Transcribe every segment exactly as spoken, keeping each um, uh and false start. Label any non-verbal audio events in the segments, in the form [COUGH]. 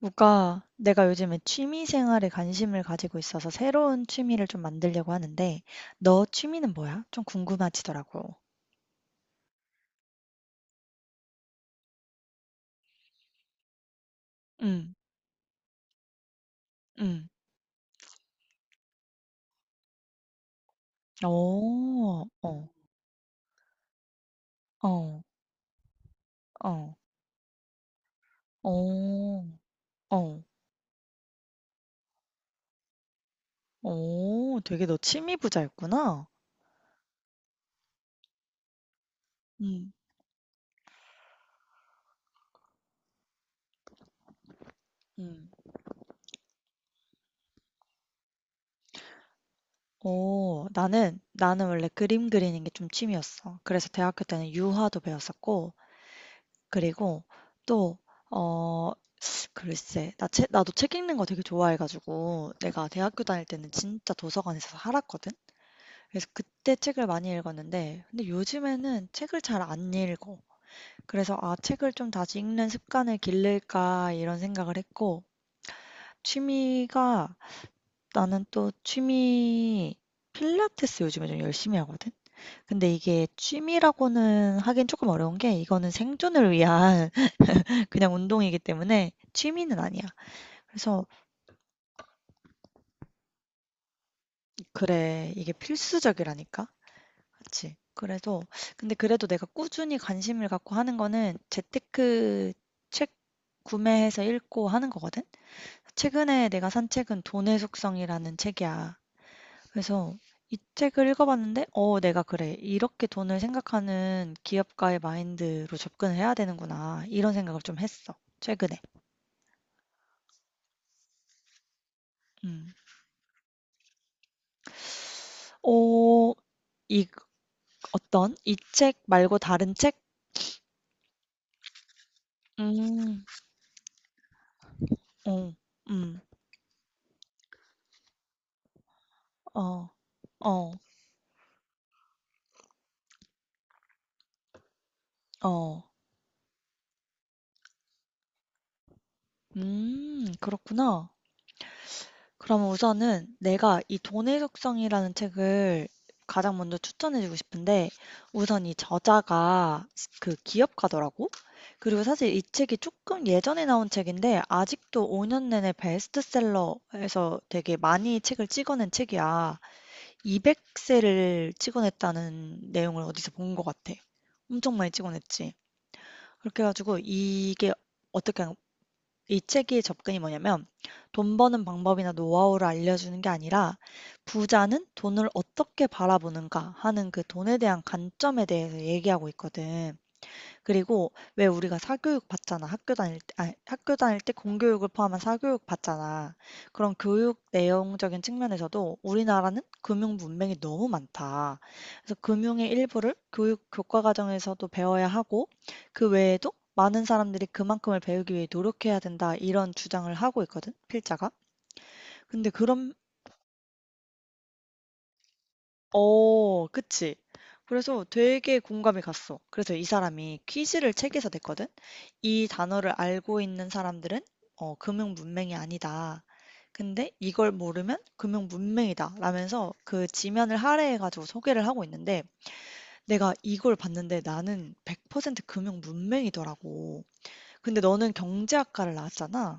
누가 내가 요즘에 취미 생활에 관심을 가지고 있어서 새로운 취미를 좀 만들려고 하는데 "너 취미는 뭐야?" 좀 궁금해지더라고. 응, 응. 오, 어. 어. 어. 어. 어. 어. 되게 너 취미 부자였구나. 응, 응. 오, 나는 나는 원래 그림 그리는 게 좀 취미였어. 그래서 대학교 때는 유화도 배웠었고 그리고 또어 글쎄, 나 책, 나도 책 읽는 거 되게 좋아해가지고, 내가 대학교 다닐 때는 진짜 도서관에서 살았거든? 그래서 그때 책을 많이 읽었는데, 근데 요즘에는 책을 잘 안 읽어. 그래서, 아, 책을 좀 다시 읽는 습관을 기를까, 이런 생각을 했고, 취미가, 나는 또 취미, 필라테스 요즘에 좀 열심히 하거든? 근데 이게 취미라고는 하긴 조금 어려운 게, 이거는 생존을 위한 [LAUGHS] 그냥 운동이기 때문에 취미는 아니야. 그래서 그래. 이게 필수적이라니까. 그치? 그래서 근데 그래도 내가 꾸준히 관심을 갖고 하는 거는 재테크 책 구매해서 읽고 하는 거거든. 최근에 내가 산 책은 돈의 속성이라는 책이야. 그래서 이 책을 읽어봤는데, 어, 내가 그래. 이렇게 돈을 생각하는 기업가의 마인드로 접근을 해야 되는구나. 이런 생각을 좀 했어. 최근에. 음. 어, 이 어떤? 이 책 말고 다른 책? 음, 어, 음. 어, 어, 어. 음, 그렇구나. 그러면 우선은 내가 이 돈의 속성이라는 책을 가장 먼저 추천해주고 싶은데, 우선 이 저자가 그 기업가더라고? 그리고 사실 이 책이 조금 예전에 나온 책인데, 아직도 오 년 내내 베스트셀러에서 되게 많이 책을 찍어낸 책이야. 이백 세 찍어냈다는 내용을 어디서 본 것 같아. 엄청 많이 찍어냈지. 그렇게 해가지고 이게 어떻게 이 책의 접근이 뭐냐면 돈 버는 방법이나 노하우를 알려주는 게 아니라 부자는 돈을 어떻게 바라보는가 하는 그 돈에 대한 관점에 대해서 얘기하고 있거든. 그리고 왜 우리가 사교육 받잖아. 학교 다닐 때, 아니, 학교 다닐 때 공교육을 포함한 사교육 받잖아. 그런 교육 내용적인 측면에서도 우리나라는 금융 문맹이 너무 많다. 그래서 금융의 일부를 교육 교과 과정에서도 배워야 하고 그 외에도 많은 사람들이 그만큼을 배우기 위해 노력해야 된다. 이런 주장을 하고 있거든, 필자가. 근데 그런 어 그치. 그래서 되게 공감이 갔어. 그래서 이 사람이 퀴즈를 책에서 냈거든. 이 단어를 알고 있는 사람들은 어, 금융 문맹이 아니다. 근데 이걸 모르면 금융 문맹이다. 라면서 그 지면을 할애해가지고 소개를 하고 있는데 내가 이걸 봤는데 나는 백 퍼센트 금융 문맹이더라고. 근데 너는 경제학과를 나왔잖아.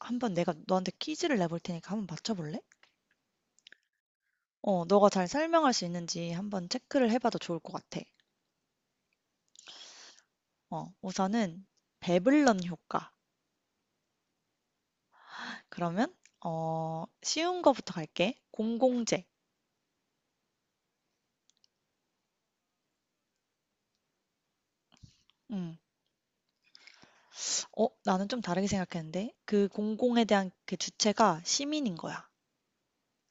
한번 내가 너한테 퀴즈를 내볼 테니까 한번 맞춰볼래? 어, 너가 잘 설명할 수 있는지 한번 체크를 해봐도 좋을 것 같아. 어, 우선은 배블런 효과. 그러면 어, 쉬운 거부터 갈게. 공공재. 음. 어, 나는 좀 다르게 생각했는데 그 공공에 대한 그 주체가 시민인 거야.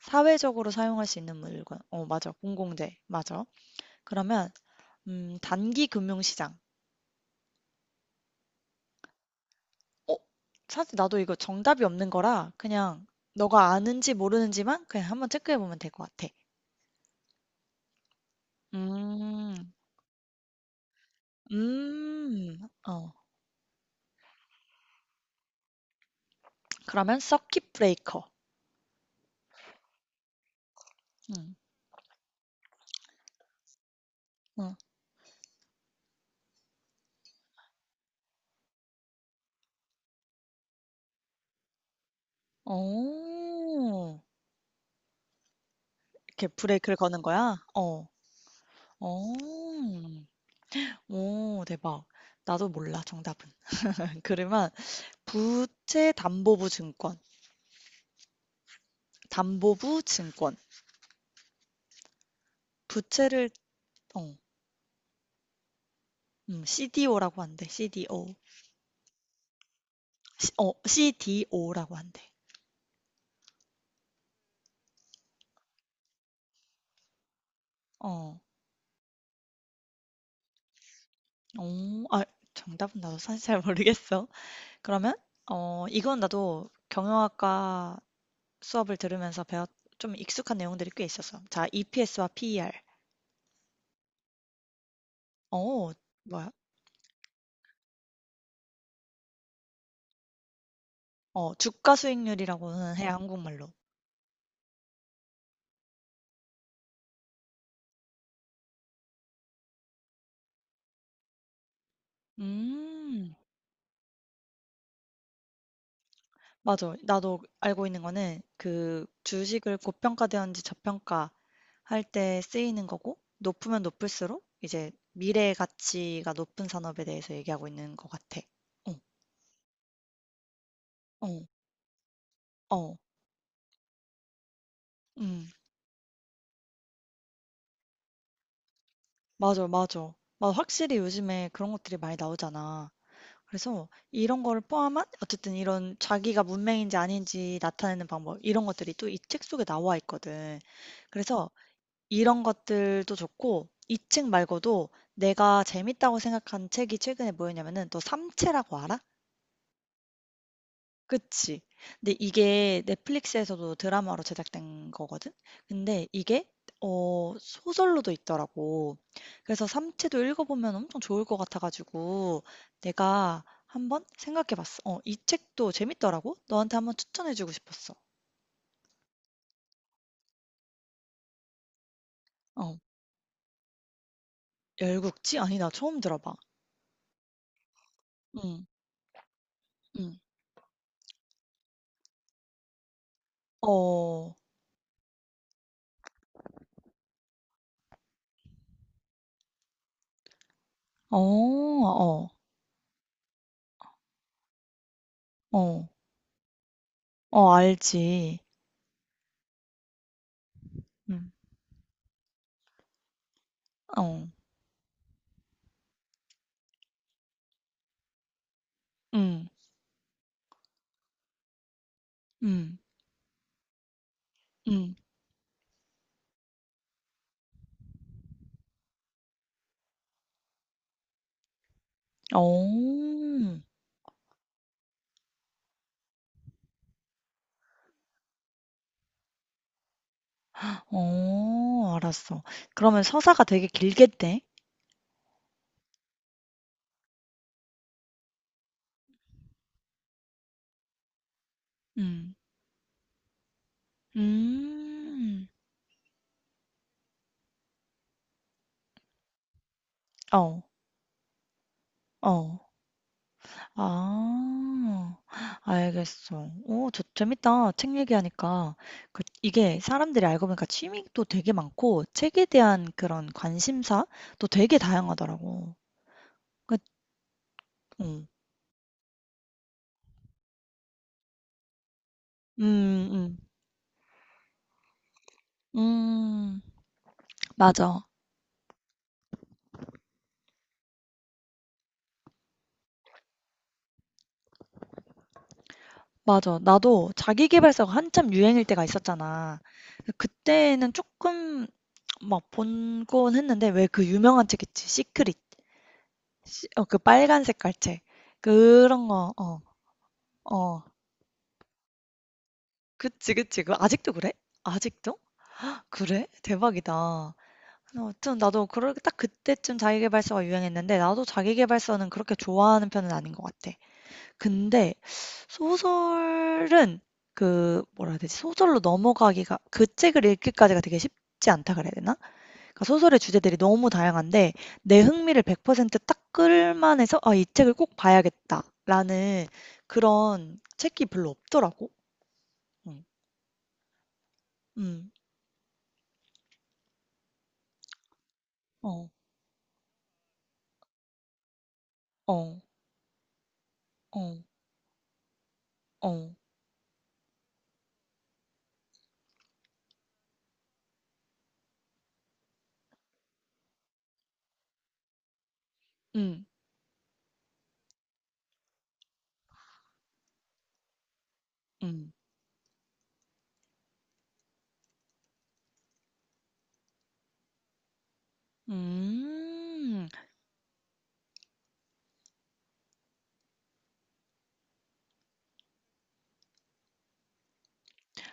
사회적으로 사용할 수 있는 물건. 어, 맞아. 공공재. 맞아. 그러면 음, 단기 금융시장. 어, 사실 나도 이거 정답이 없는 거라 그냥 너가 아는지 모르는지만 그냥 한번 체크해 보면 될 것 같아. 음. 음. 어. 그러면 서킷 브레이커. 음. 응. 어. 이렇게 브레이크를 거는 거야? 어. 어. 오, 대박. 나도 몰라, 정답은. [LAUGHS] 그러면 부채 담보부 증권. 담보부 증권. 부채를 어. 음, 씨디오라고 한대. 씨디오. 시- 어, 씨디오라고 한대. 어. 오, 아, 정답은 나도 사실 잘 모르겠어. 그러면 어, 이건 나도 경영학과 수업을 들으면서 배웠 좀 익숙한 내용들이 꽤 있었어. 자, 이피에스와 퍼. 어, 뭐야? 어, 주가 수익률이라고는 해, 한국말로. 음, 맞아. 나도 알고 있는 거는 그 주식을 고평가되었는지 저평가 할 때 쓰이는 거고, 높으면 높을수록 이제 미래 가치가 높은 산업에 대해서 얘기하고 있는 것 같아. 어, 어, 어, 음, 맞아, 맞아. 맞아. 확실히 요즘에 그런 것들이 많이 나오잖아. 그래서 이런 거를 포함한 어쨌든 이런 자기가 문맹인지 아닌지 나타내는 방법 이런 것들이 또 이 책 속에 나와 있거든. 그래서 이런 것들도 좋고 이 책 말고도 내가 재밌다고 생각한 책이 최근에 뭐였냐면은 너 삼체라고 알아? 그치. 근데 이게 넷플릭스에서도 드라마로 제작된 거거든? 근데 이게 어, 소설로도 있더라고. 그래서 삼체도 읽어보면 엄청 좋을 것 같아가지고 내가 한번 생각해봤어. 어, 이 책도 재밌더라고? 너한테 한번 추천해주고 싶었어. 어, 열국지? 아니, 나 처음 들어봐. 응, 응. 어, 어, 어, 어, 어, 알지. 응, 어, 응, 응, 응, 어. 어 알았어. 그러면 서사가 되게 길겠네. 음. 음. 어. 어. 아. 알겠어. 오, 저 재밌다. 책 얘기하니까. 그 이게 사람들이 알고 보니까 취미도 되게 많고 책에 대한 그런 관심사도 되게 다양하더라고. 그 음. 음. 음. 음. 맞아. 맞아. 나도 자기계발서가 한참 유행일 때가 있었잖아. 그때는 조금 막 본곤 했는데 왜 그 유명한 책 있지? 시크릿. 시- 어, 그 빨간 색깔 책. 그런 거, 어, 어. 그치, 그치. 그 아직도 그래? 아직도? 그래? 대박이다. 아무튼 나도 그럴 딱 그때쯤 자기계발서가 유행했는데 나도 자기계발서는 그렇게 좋아하는 편은 아닌 것 같아. 근데 소설은 그 뭐라 해야 되지? 소설로 넘어가기가 그 책을 읽기까지가 되게 쉽지 않다 그래야 되나? 그러니까 소설의 주제들이 너무 다양한데 내 흥미를 백 퍼센트 딱 끌만해서 '아 이 책을 꼭 봐야겠다.'라는 그런 책이 별로 없더라고. 음. 음. 어. 어. 어. 어. 음. 음. 음.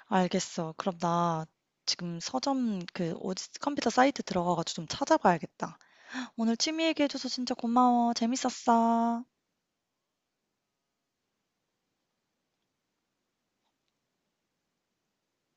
알겠어. 그럼 나 지금 서점 그 어디 컴퓨터 사이트 들어가 가지고 좀 찾아봐야겠다. 오늘 취미 얘기해 줘서 진짜 고마워. 재밌었어.